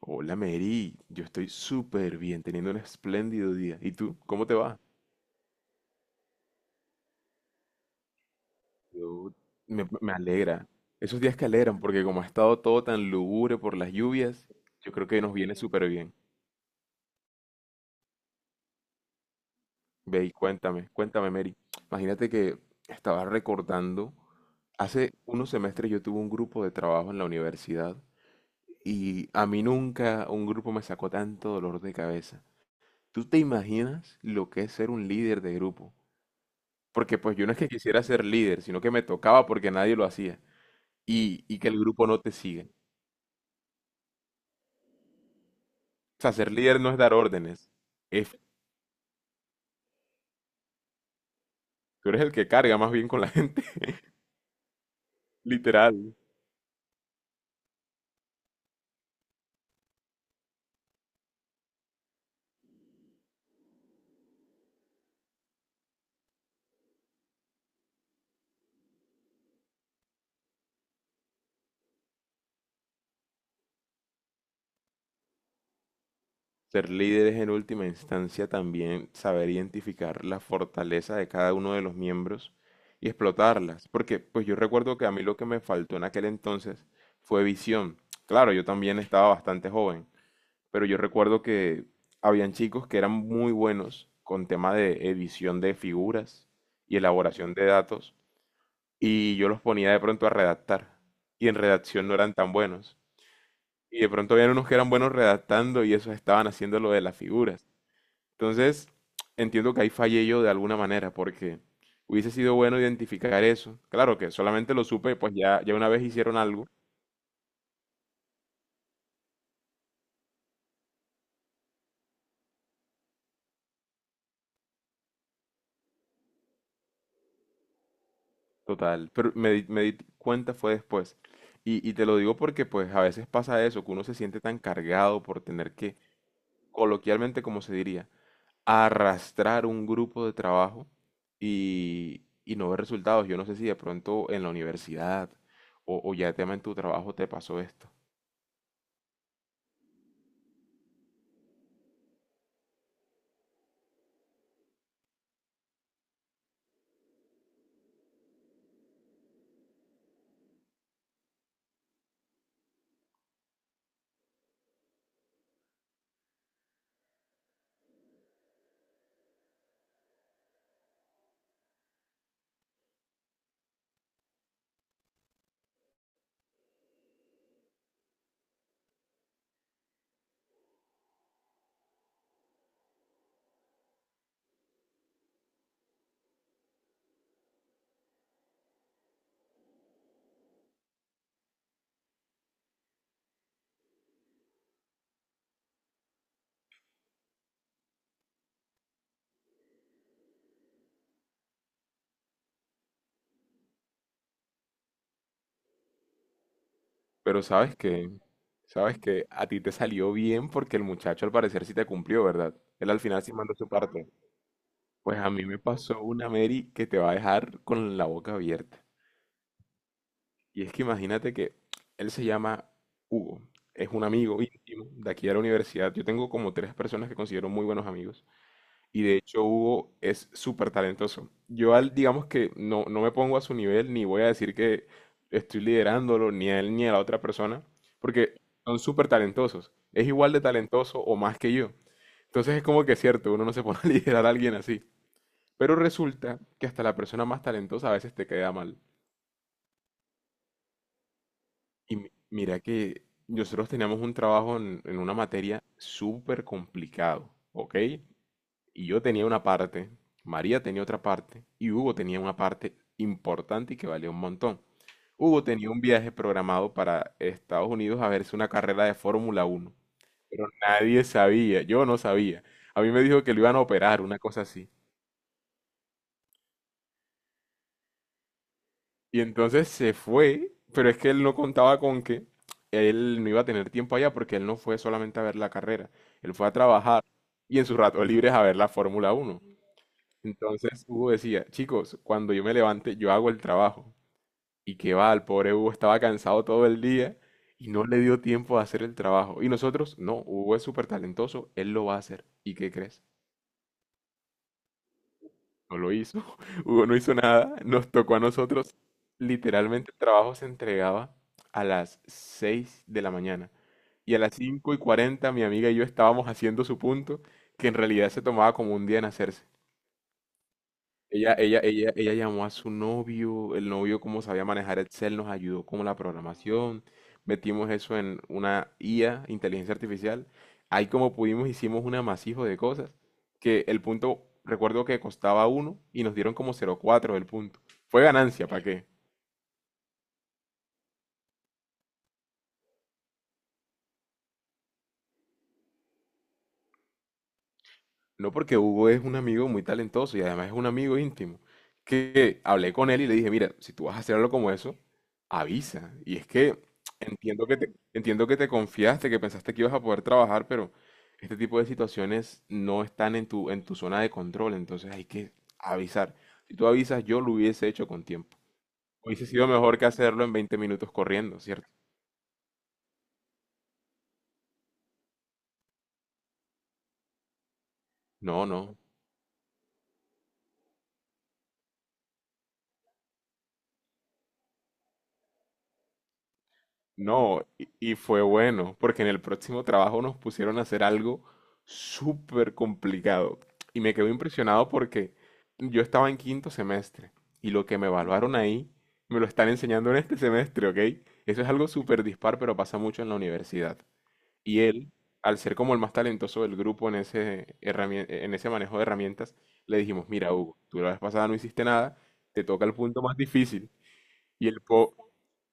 Hola Mary, yo estoy súper bien, teniendo un espléndido día. ¿Y tú? ¿Cómo te va? Yo me alegra. Esos días que alegran, porque como ha estado todo tan lúgubre por las lluvias, yo creo que nos viene súper bien. Ve y cuéntame, cuéntame Mary. Imagínate que estaba recordando, hace unos semestres yo tuve un grupo de trabajo en la universidad y a mí nunca un grupo me sacó tanto dolor de cabeza. ¿Tú te imaginas lo que es ser un líder de grupo? Porque pues yo no es que quisiera ser líder, sino que me tocaba porque nadie lo hacía. Y que el grupo no te sigue. O sea, ser líder no es dar órdenes. Es, tú eres el que carga más bien con la gente, literal. Ser líder es en última instancia también saber identificar la fortaleza de cada uno de los miembros y explotarlas. Porque pues yo recuerdo que a mí lo que me faltó en aquel entonces fue visión. Claro, yo también estaba bastante joven, pero yo recuerdo que habían chicos que eran muy buenos con tema de edición de figuras y elaboración de datos, y yo los ponía de pronto a redactar, y en redacción no eran tan buenos. Y de pronto habían unos que eran buenos redactando y esos estaban haciendo lo de las figuras. Entonces, entiendo que ahí fallé yo de alguna manera, porque hubiese sido bueno identificar eso. Claro que solamente lo supe, pues ya, ya una vez hicieron algo. Total, pero me di cuenta fue después. Y te lo digo porque pues a veces pasa eso, que uno se siente tan cargado por tener que, coloquialmente como se diría, arrastrar un grupo de trabajo y no ver resultados. Yo no sé si de pronto en la universidad o ya tema en tu trabajo te pasó esto. Pero sabes que a ti te salió bien porque el muchacho al parecer sí te cumplió, ¿verdad? Él al final sí mandó su parte. Pues a mí me pasó una Mary que te va a dejar con la boca abierta. Y es que imagínate que él se llama Hugo, es un amigo íntimo de aquí de la universidad. Yo tengo como tres personas que considero muy buenos amigos y de hecho Hugo es súper talentoso. Yo al, digamos que no me pongo a su nivel ni voy a decir que estoy liderándolo ni a él ni a la otra persona porque son súper talentosos. Es igual de talentoso o más que yo. Entonces es como que es cierto, uno no se pone a liderar a alguien así. Pero resulta que hasta la persona más talentosa a veces te queda mal. Y mi- mira que nosotros teníamos un trabajo en una materia súper complicado, ¿ok? Y yo tenía una parte, María tenía otra parte y Hugo tenía una parte importante y que valía un montón. Hugo tenía un viaje programado para Estados Unidos a verse una carrera de Fórmula Uno, pero nadie sabía, yo no sabía. A mí me dijo que lo iban a operar, una cosa así. Y entonces se fue, pero es que él no contaba con que él no iba a tener tiempo allá porque él no fue solamente a ver la carrera, él fue a trabajar y en sus ratos libres a ver la Fórmula Uno. Entonces Hugo decía, chicos, cuando yo me levante yo hago el trabajo. Y que va, el pobre Hugo estaba cansado todo el día y no le dio tiempo a hacer el trabajo. Y nosotros, no, Hugo es súper talentoso, él lo va a hacer. ¿Y qué crees? No lo hizo, Hugo no hizo nada, nos tocó a nosotros. Literalmente el trabajo se entregaba a las 6 de la mañana y a las 5:40 mi amiga y yo estábamos haciendo su punto, que en realidad se tomaba como un día en hacerse. Ella llamó a su novio, el novio como sabía manejar Excel nos ayudó con la programación, metimos eso en una IA, inteligencia artificial, ahí como pudimos hicimos un amasijo de cosas, que el punto, recuerdo que costaba uno y nos dieron como 0,4 el punto. Fue ganancia, ¿para qué? No, porque Hugo es un amigo muy talentoso y además es un amigo íntimo. Que hablé con él y le dije, mira, si tú vas a hacer algo como eso, avisa. Y es que entiendo que te confiaste, que pensaste que ibas a poder trabajar, pero este tipo de situaciones no están en tu zona de control, entonces hay que avisar. Si tú avisas, yo lo hubiese hecho con tiempo. Hubiese sido mejor que hacerlo en 20 minutos corriendo, ¿cierto? No, no. No, y fue bueno, porque en el próximo trabajo nos pusieron a hacer algo súper complicado. Y me quedé impresionado porque yo estaba en quinto semestre y lo que me evaluaron ahí me lo están enseñando en este semestre, ¿ok? Eso es algo súper dispar, pero pasa mucho en la universidad. Y él, al ser como el más talentoso del grupo en ese, herramien- en ese manejo de herramientas, le dijimos, mira, Hugo, tú la vez pasada no hiciste nada, te toca el punto más difícil. Y el po-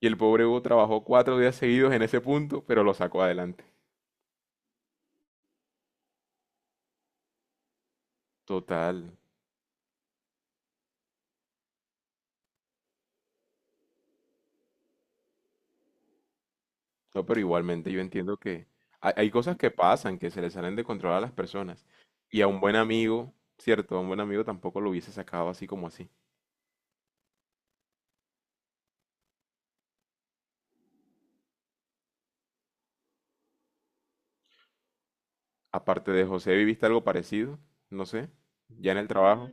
y el pobre Hugo trabajó 4 días seguidos en ese punto, pero lo sacó adelante. Total. No, pero igualmente yo entiendo que hay cosas que pasan, que se le salen de control a las personas. Y a un buen amigo, cierto, a un buen amigo tampoco lo hubiese sacado así como así. Aparte de José, ¿viviste algo parecido? No sé, ya en el trabajo.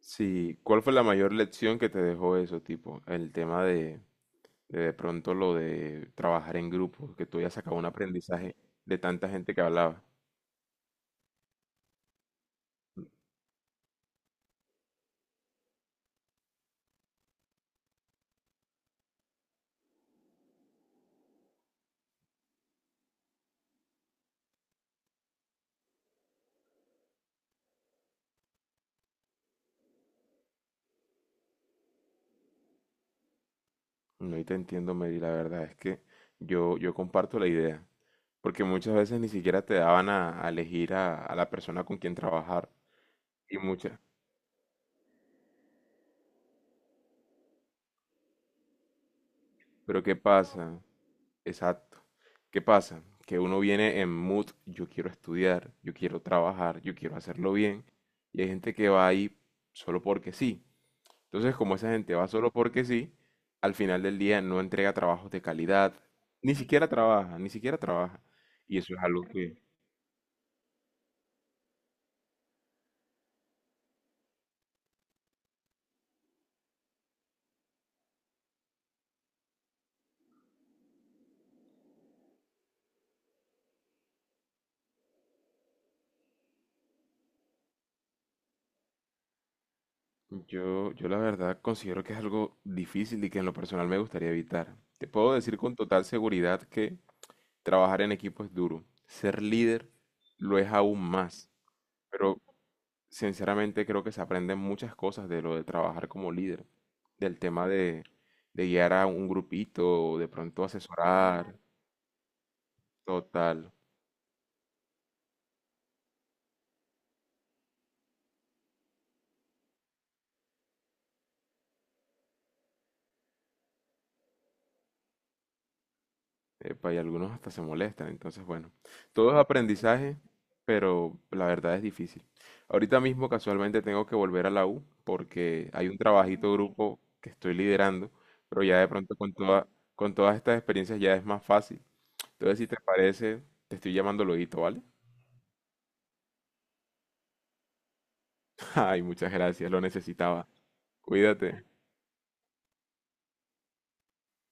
Sí, ¿cuál fue la mayor lección que te dejó eso, tipo? El tema de pronto lo de trabajar en grupo, que tú hayas sacado un aprendizaje de tanta gente que hablaba. No, y te entiendo, Mary, la verdad es que yo comparto la idea, porque muchas veces ni siquiera te daban a elegir a la persona con quien trabajar, y muchas, pero ¿qué pasa? Exacto, ¿qué pasa? Que uno viene en mood, yo quiero estudiar, yo quiero trabajar, yo quiero hacerlo bien, y hay gente que va ahí solo porque sí. Entonces, como esa gente va solo porque sí, al final del día no entrega trabajos de calidad, ni siquiera trabaja, y eso es algo que... Yo la verdad considero que es algo difícil y que en lo personal me gustaría evitar. Te puedo decir con total seguridad que trabajar en equipo es duro. Ser líder lo es aún más. Pero sinceramente creo que se aprenden muchas cosas de lo de trabajar como líder. Del tema de guiar a un grupito, de pronto asesorar. Total. Epa, y algunos hasta se molestan. Entonces, bueno, todo es aprendizaje, pero la verdad es difícil. Ahorita mismo casualmente tengo que volver a la U porque hay un trabajito grupo que estoy liderando, pero ya de pronto con toda, con todas estas experiencias ya es más fácil. Entonces, si te parece, te estoy llamando luego, ¿vale? Ay, muchas gracias, lo necesitaba. Cuídate.